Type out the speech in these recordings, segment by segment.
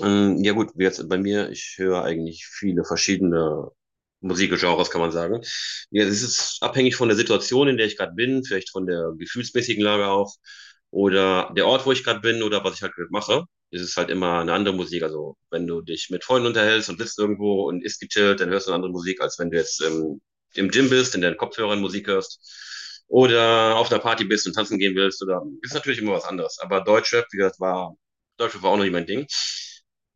Ja gut, wie jetzt bei mir, ich höre eigentlich viele verschiedene Musikgenres, kann man sagen. Ja, es ist abhängig von der Situation, in der ich gerade bin, vielleicht von der gefühlsmäßigen Lage auch oder der Ort, wo ich gerade bin oder was ich halt gerade mache. Es ist halt immer eine andere Musik. Also wenn du dich mit Freunden unterhältst und sitzt irgendwo und isst gechillt, dann hörst du eine andere Musik, als wenn du jetzt im Gym bist, in deinen Kopfhörern Musik hörst oder auf einer Party bist und tanzen gehen willst. Oder ist natürlich immer was anderes. Aber Deutschrap, wie gesagt, war Deutschrap war auch noch nicht mein Ding,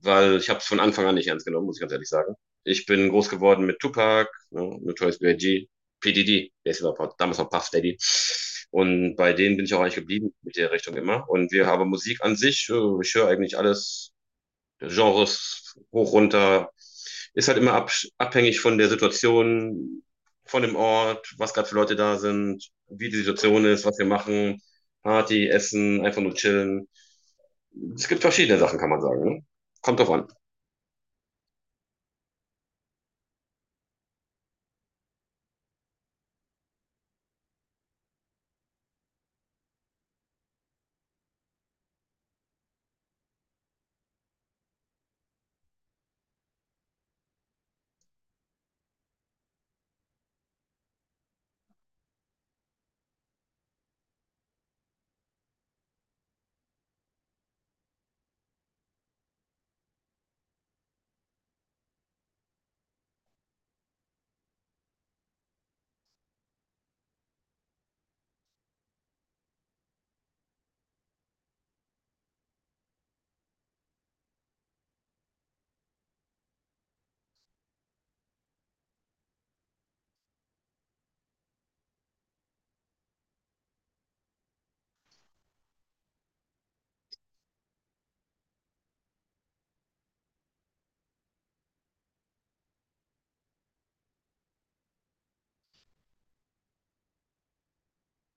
weil ich habe es von Anfang an nicht ernst genommen, muss ich ganz ehrlich sagen. Ich bin groß geworden mit Tupac, ne, Notorious B.I.G., PDD, der ist überhaupt damals noch Puff Daddy. Und bei denen bin ich auch eigentlich geblieben mit der Richtung immer. Und wir haben Musik an sich, ich höre eigentlich alles, Genres hoch, runter. Ist halt immer abhängig von der Situation, von dem Ort, was gerade für Leute da sind, wie die Situation ist, was wir machen, Party, Essen, einfach nur chillen. Es gibt verschiedene Sachen, kann man sagen. Ne? Kommt drauf an.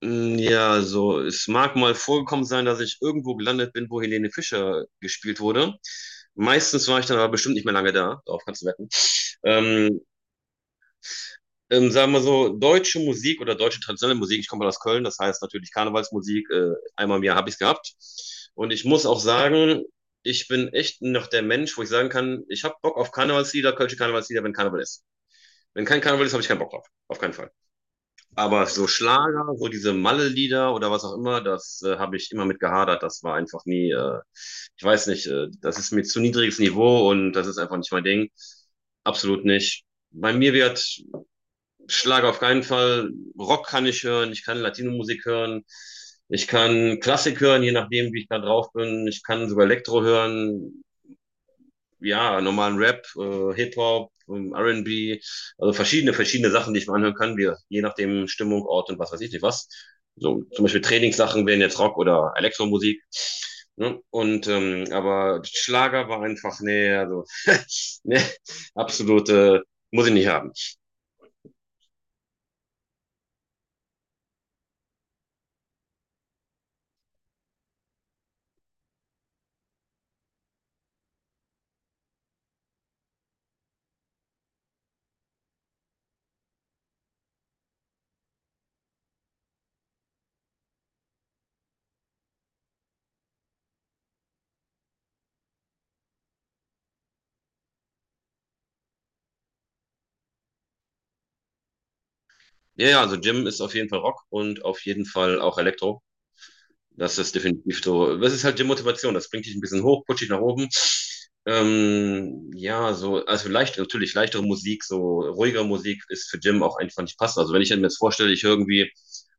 Mm, ja, also es mag mal vorgekommen sein, dass ich irgendwo gelandet bin, wo Helene Fischer gespielt wurde. Meistens war ich dann aber bestimmt nicht mehr lange da, darauf kannst du wetten. Ähm, sagen wir so, deutsche Musik oder deutsche traditionelle Musik, ich komme aus Köln, das heißt natürlich Karnevalsmusik, einmal im Jahr habe ich es gehabt. Und ich muss auch sagen, ich bin echt noch der Mensch, wo ich sagen kann, ich habe Bock auf Karnevalslieder, kölsche Karnevalslieder, wenn Karneval ist. Wenn kein Karneval ist, habe ich keinen Bock drauf, auf keinen Fall. Aber so Schlager, so diese Malle-Lieder oder was auch immer, das habe ich immer mit gehadert. Das war einfach nie, ich weiß nicht, das ist mir zu niedriges Niveau und das ist einfach nicht mein Ding. Absolut nicht. Bei mir wird Schlager auf keinen Fall. Rock kann ich hören, ich kann Latino-Musik hören, ich kann Klassik hören, je nachdem, wie ich da drauf bin. Ich kann sogar Elektro hören, ja, normalen Rap, Hip-Hop, RB, also verschiedene Sachen, die ich mir anhören kann, wir, je nachdem Stimmung, Ort und was weiß ich nicht was. So, zum Beispiel Trainingssachen wären jetzt Rock oder Elektromusik. Ne? Und aber Schlager war einfach, nee, also nee, absolute, muss ich nicht haben. Ja, ja, also Jim ist auf jeden Fall Rock und auf jeden Fall auch Elektro. Das ist definitiv so. Das ist halt die Motivation. Das bringt dich ein bisschen hoch, pusht dich nach oben. Ja, so, also leicht, natürlich leichtere Musik, so ruhigere Musik ist für Jim auch einfach nicht passend. Also wenn ich mir jetzt vorstelle, ich höre irgendwie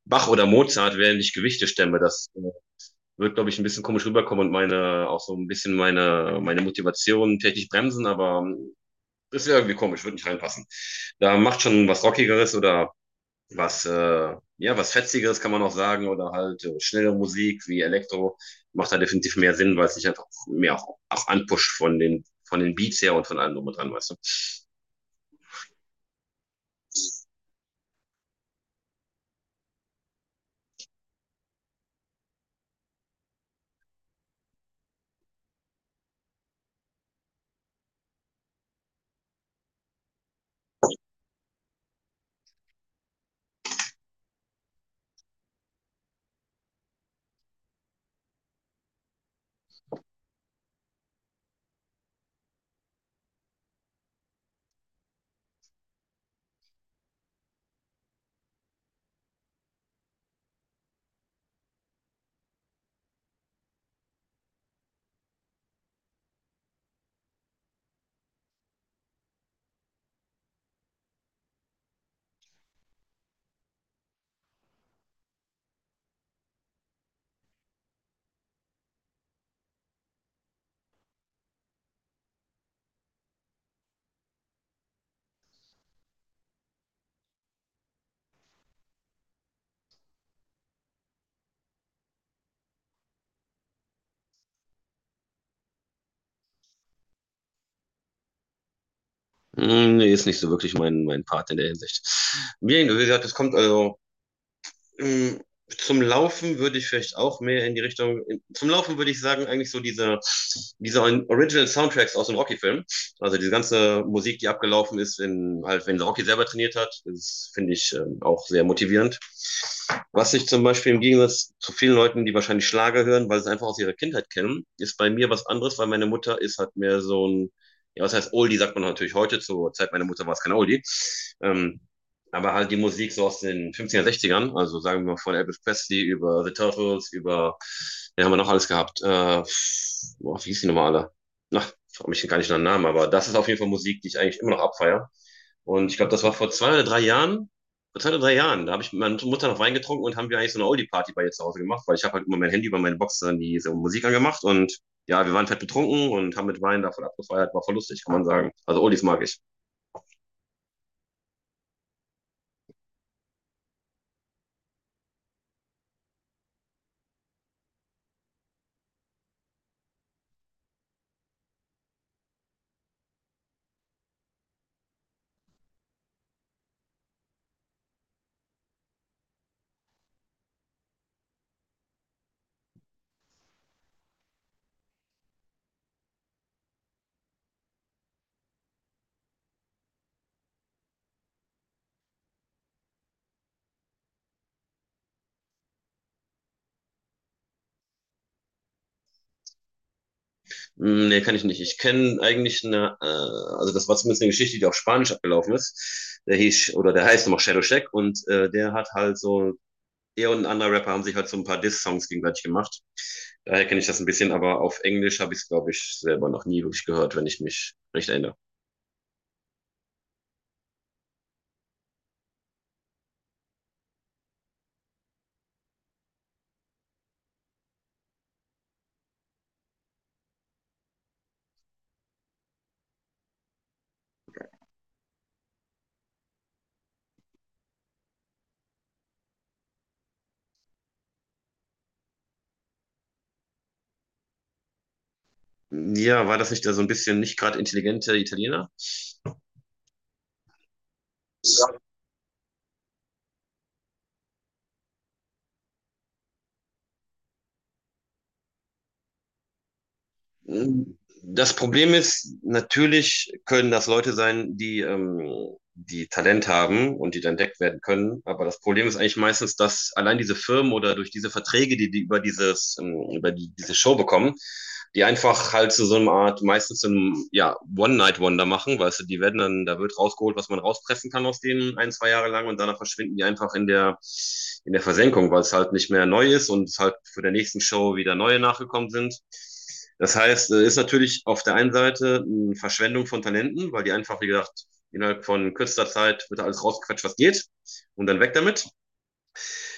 Bach oder Mozart, während ich Gewichte stemme, das wird, glaube ich, ein bisschen komisch rüberkommen und meine, auch so ein bisschen meine Motivation technisch bremsen, aber ist ja irgendwie komisch, wird nicht reinpassen. Da macht schon was Rockigeres oder was, ja, was Fetzigeres kann man noch sagen oder halt schnelle Musik wie Elektro macht da definitiv mehr Sinn, weil es sich einfach mehr auch anpusht von den Beats her und von allem drum und dran, weißt du. Hm, nee, ist nicht so wirklich mein Part in der Hinsicht. Wie gesagt, es kommt also mh, zum Laufen würde ich vielleicht auch mehr in die zum Laufen würde ich sagen, eigentlich so diese Original Soundtracks aus dem Rocky-Film. Also diese ganze Musik, die abgelaufen ist, in, halt, wenn Rocky selber trainiert hat, das finde ich auch sehr motivierend. Was ich zum Beispiel im Gegensatz zu vielen Leuten, die wahrscheinlich Schlager hören, weil sie es einfach aus ihrer Kindheit kennen, ist bei mir was anderes, weil meine Mutter ist halt mehr so ein, ja, was heißt Oldie, sagt man natürlich heute, zur Zeit meiner Mutter war es kein Oldie. Ähm, aber halt die Musik so aus den 50er, ern also sagen wir mal von Elvis Presley über The Turtles, über, den haben wir noch alles gehabt. Boah, wie hieß die nochmal alle? Na, frag mich gar nicht nach dem Namen, aber das ist auf jeden Fall Musik, die ich eigentlich immer noch abfeiere. Und ich glaube, das war vor zwei oder drei Jahren, da habe ich mit meiner Mutter noch Wein getrunken und haben wir eigentlich so eine Oldie-Party bei ihr zu Hause gemacht, weil ich habe halt immer mein Handy über meine Box dann diese Musik angemacht und ja, wir waren fett betrunken und haben mit Wein davon abgefeiert, war voll lustig, kann man sagen. Also Oldies mag ich. Mm, nee, kann ich nicht. Ich kenne eigentlich eine, also das war zumindest eine Geschichte, die auf Spanisch abgelaufen ist. Der hieß, oder der heißt nochmal Shadow Shack und der hat halt so, er und ein anderer Rapper haben sich halt so ein paar Diss-Songs gegenseitig gemacht. Daher kenne ich das ein bisschen, aber auf Englisch habe ich es, glaube ich, selber noch nie wirklich gehört, wenn ich mich recht erinnere. Ja, war das nicht der so ein bisschen nicht gerade intelligente Italiener? Ja, das Problem ist, natürlich können das Leute sein, die, die Talent haben und die dann entdeckt werden können. Aber das Problem ist eigentlich meistens, dass allein diese Firmen oder durch diese Verträge, die die über dieses, diese Show bekommen, die einfach halt zu so einer Art, meistens so einem, ja, One-Night-Wonder machen, weißt du, die werden dann, da wird rausgeholt, was man rauspressen kann aus denen ein, zwei Jahre lang und danach verschwinden die einfach in der Versenkung, weil es halt nicht mehr neu ist und es halt für der nächsten Show wieder neue nachgekommen sind. Das heißt, ist natürlich auf der einen Seite eine Verschwendung von Talenten, weil die einfach, wie gesagt, innerhalb von kürzester Zeit wird da alles rausgequetscht, was geht, und dann weg damit.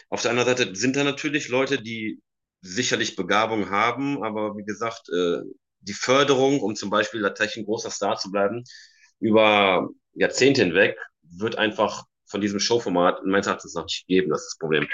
Auf der anderen Seite sind da natürlich Leute, die sicherlich Begabung haben, aber wie gesagt, die Förderung, um zum Beispiel tatsächlich ein großer Star zu bleiben, über Jahrzehnte hinweg, wird einfach von diesem Showformat meines Erachtens noch nicht geben. Das ist das Problem.